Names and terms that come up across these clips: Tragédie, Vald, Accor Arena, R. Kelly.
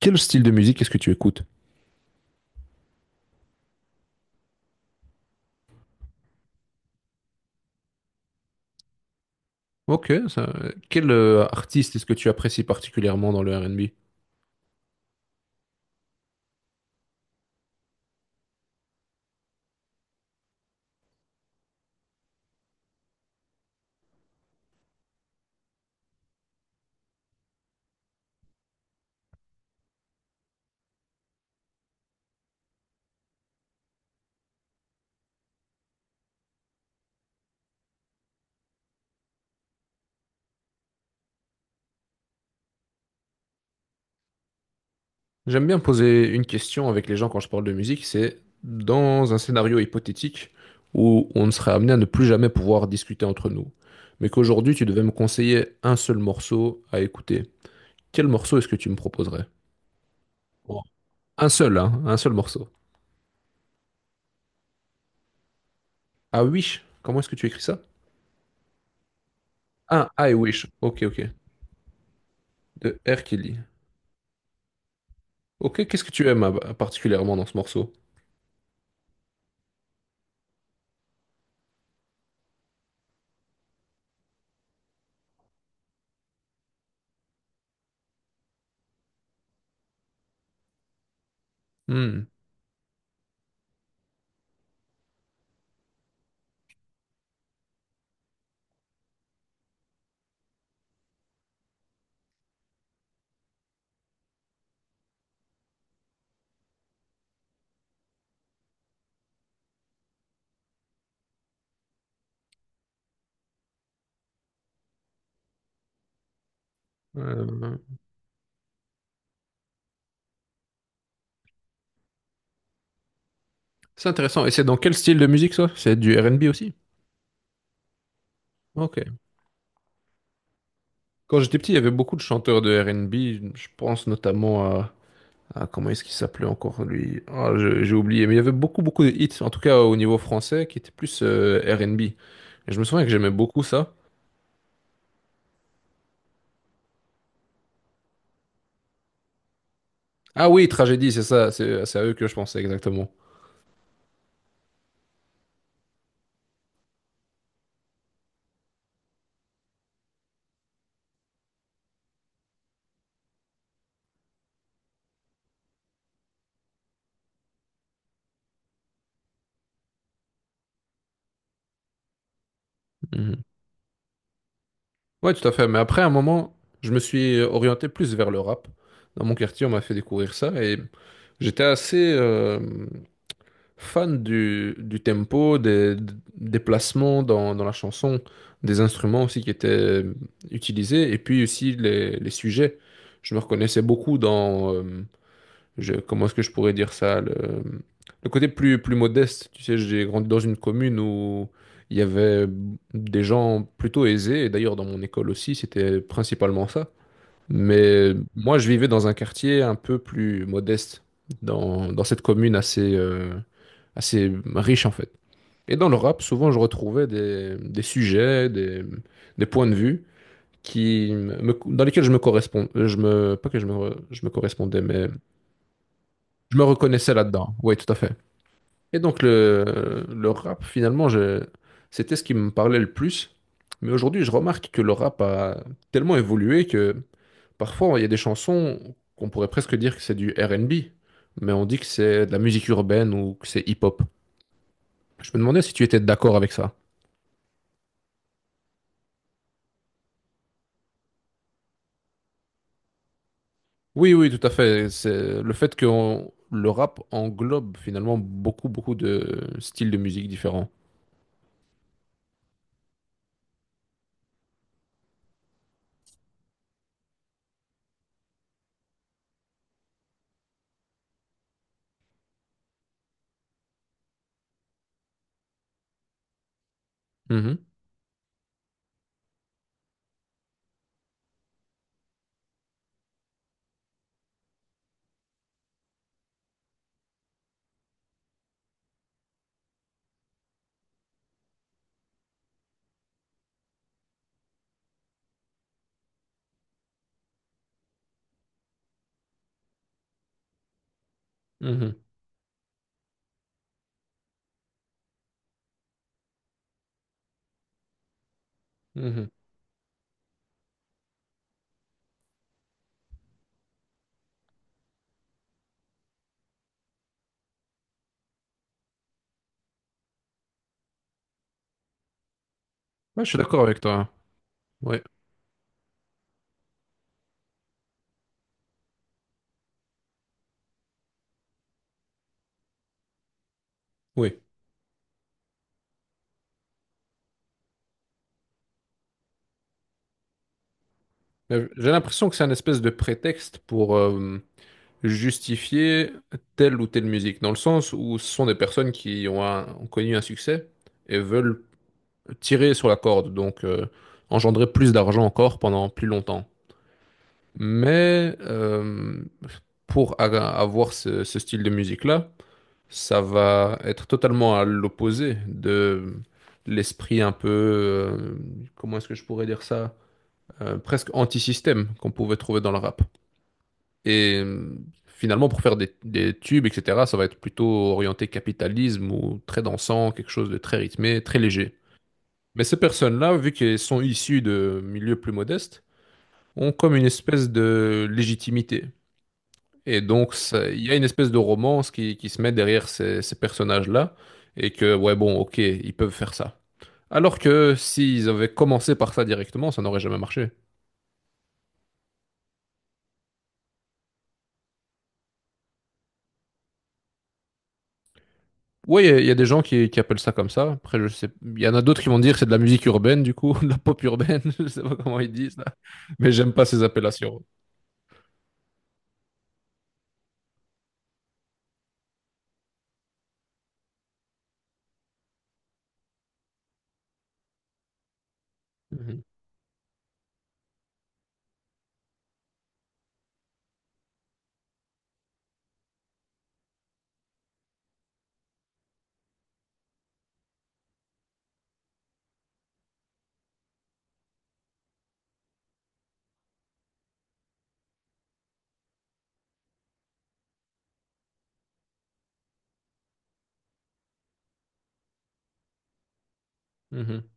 Quel style de musique est-ce que tu écoutes? Ok, ça- Quel artiste est-ce que tu apprécies particulièrement dans le R&B? J'aime bien poser une question avec les gens quand je parle de musique, c'est dans un scénario hypothétique où on serait amené à ne plus jamais pouvoir discuter entre nous, mais qu'aujourd'hui tu devais me conseiller un seul morceau à écouter. Quel morceau est-ce que tu me proposerais? Bon, un seul, hein, un seul morceau. Ah, Wish, comment est-ce que tu écris ça? Ah, I Wish, ok, ok, de R. Kelly. Ok, qu'est-ce que tu aimes particulièrement dans ce morceau? Hmm. Euh, c'est intéressant. Et c'est dans quel style de musique ça? C'est du R&B aussi? Ok. Quand j'étais petit, il y avait beaucoup de chanteurs de R&B. Je pense notamment comment est-ce qu'il s'appelait encore lui? Ah, j'ai oublié. Mais il y avait beaucoup beaucoup de hits, en tout cas au niveau français, qui étaient plus R&B. Et je me souviens que j'aimais beaucoup ça. Ah oui, Tragédie, c'est ça. C'est à eux que je pensais exactement. Mhm. Ouais, tout à fait. Mais après, à un moment, je me suis orienté plus vers le rap. Dans mon quartier, on m'a fait découvrir ça et j'étais assez. Fan du tempo, des placements dans la chanson, des instruments aussi qui étaient utilisés, et puis aussi les sujets. Je me reconnaissais beaucoup dans, comment est-ce que je pourrais dire ça, le côté plus modeste. Tu sais, j'ai grandi dans une commune où il y avait des gens plutôt aisés, et d'ailleurs dans mon école aussi, c'était principalement ça. Mais moi, je vivais dans un quartier un peu plus modeste, dans cette commune assez riche en fait. Et dans le rap, souvent, je retrouvais des sujets, des points de vue qui dans lesquels je me correspond, je me, pas que je me, re- je me correspondais, mais je me reconnaissais là-dedans. Oui, tout à fait. Et donc le rap, finalement, c'était ce qui me parlait le plus. Mais aujourd'hui, je remarque que le rap a tellement évolué que parfois, il y a des chansons qu'on pourrait presque dire que c'est du R&B, mais on dit que c'est de la musique urbaine ou que c'est hip-hop. Je me demandais si tu étais d'accord avec ça. Oui, oui, tout à fait. C'est le fait que le rap englobe finalement beaucoup, beaucoup de styles de musique différents. Mhm, mhm, mhm. Ouais, je suis d'accord avec toi. Oui, oui. Mais j'ai l'impression que c'est un espèce de prétexte pour justifier telle ou telle musique, dans le sens où ce sont des personnes qui ont connu un succès et veulent tirer sur la corde, donc engendrer plus d'argent encore pendant plus longtemps. Mais pour avoir ce style de musique-là, ça va être totalement à l'opposé de l'esprit un peu, comment est-ce que je pourrais dire ça, presque anti-système qu'on pouvait trouver dans le rap. Et finalement, pour faire des tubes, etc., ça va être plutôt orienté capitalisme ou très dansant, quelque chose de très rythmé, très léger. Mais ces personnes-là, vu qu'elles sont issues de milieux plus modestes, ont comme une espèce de légitimité. Et donc, il y a une espèce de romance qui se met derrière ces personnages-là, et que, ouais, bon, ok, ils peuvent faire ça. Alors que s'ils avaient commencé par ça directement, ça n'aurait jamais marché. Oui, il y a des gens qui appellent ça comme ça. Après, je sais, il y en a d'autres qui vont dire que c'est de la musique urbaine, du coup, de la pop urbaine, je sais pas comment ils disent là. Mais j'aime pas ces appellations. Mhm, mhm.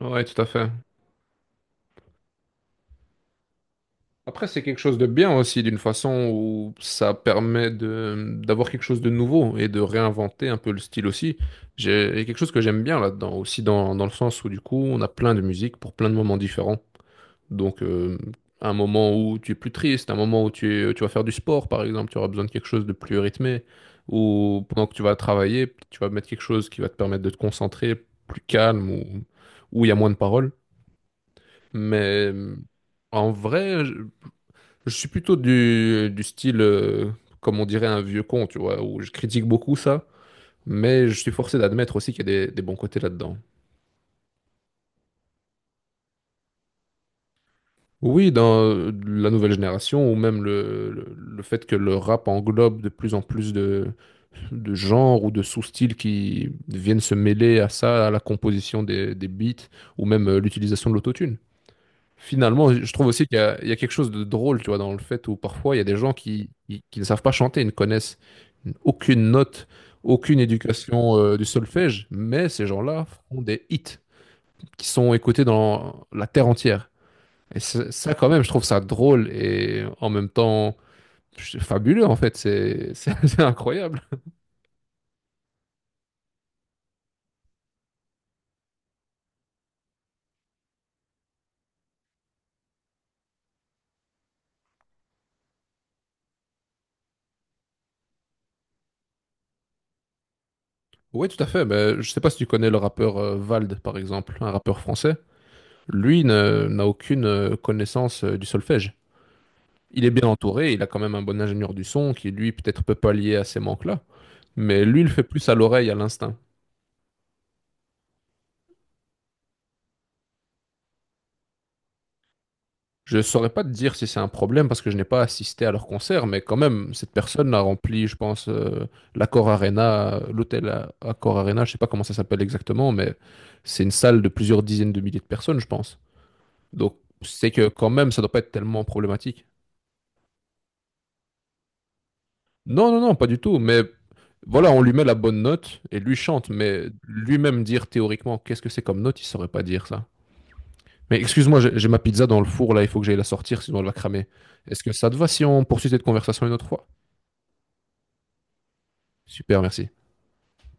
Ouais, tout à fait. Après, c'est quelque chose de bien aussi, d'une façon où ça permet de d'avoir quelque chose de nouveau et de réinventer un peu le style aussi. J'ai Il y a quelque chose que j'aime bien là-dedans, aussi dans le sens où du coup, on a plein de musique pour plein de moments différents. Donc, un moment où tu es plus triste, un moment où tu vas faire du sport, par exemple, tu auras besoin de quelque chose de plus rythmé, ou pendant que tu vas travailler, tu vas mettre quelque chose qui va te permettre de te concentrer, plus calme, ou où il y a moins de paroles. Mais en vrai, je suis plutôt du style, comme on dirait, un vieux con, tu vois, où je critique beaucoup ça, mais je suis forcé d'admettre aussi qu'il y a des bons côtés là-dedans. Oui, dans la nouvelle génération, ou même le fait que le rap englobe de plus en plus de genres ou de sous-styles qui viennent se mêler à ça, à la composition des beats, ou même l'utilisation de l'autotune. Finalement, je trouve aussi qu'il y a quelque chose de drôle, tu vois, dans le fait où parfois il y a des gens qui ne savent pas chanter, ils ne connaissent aucune note, aucune éducation du solfège, mais ces gens-là font des hits qui sont écoutés dans la terre entière. Et ça, quand même, je trouve ça drôle et en même temps fabuleux, en fait. C'est incroyable. Oui, tout à fait. Mais je sais pas si tu connais le rappeur Vald, par exemple, un rappeur français. Lui n'a aucune connaissance du solfège. Il est bien entouré, il a quand même un bon ingénieur du son qui, lui, peut-être peut pallier à ces manques-là. Mais lui, il le fait plus à l'oreille, à l'instinct. Je saurais pas te dire si c'est un problème parce que je n'ai pas assisté à leur concert, mais quand même, cette personne a rempli, je pense, l'Accor Arena, Accor Arena, je sais pas comment ça s'appelle exactement, mais c'est une salle de plusieurs dizaines de milliers de personnes, je pense. Donc, c'est que quand même, ça doit pas être tellement problématique. Non, non, non, pas du tout, mais voilà, on lui met la bonne note et lui chante, mais lui-même dire théoriquement qu'est-ce que c'est comme note, il saurait pas dire ça. Mais excuse-moi, j'ai ma pizza dans le four là, il faut que j'aille la sortir, sinon elle va cramer. Est-ce que ça te va si on poursuit cette conversation une autre fois? Super, merci.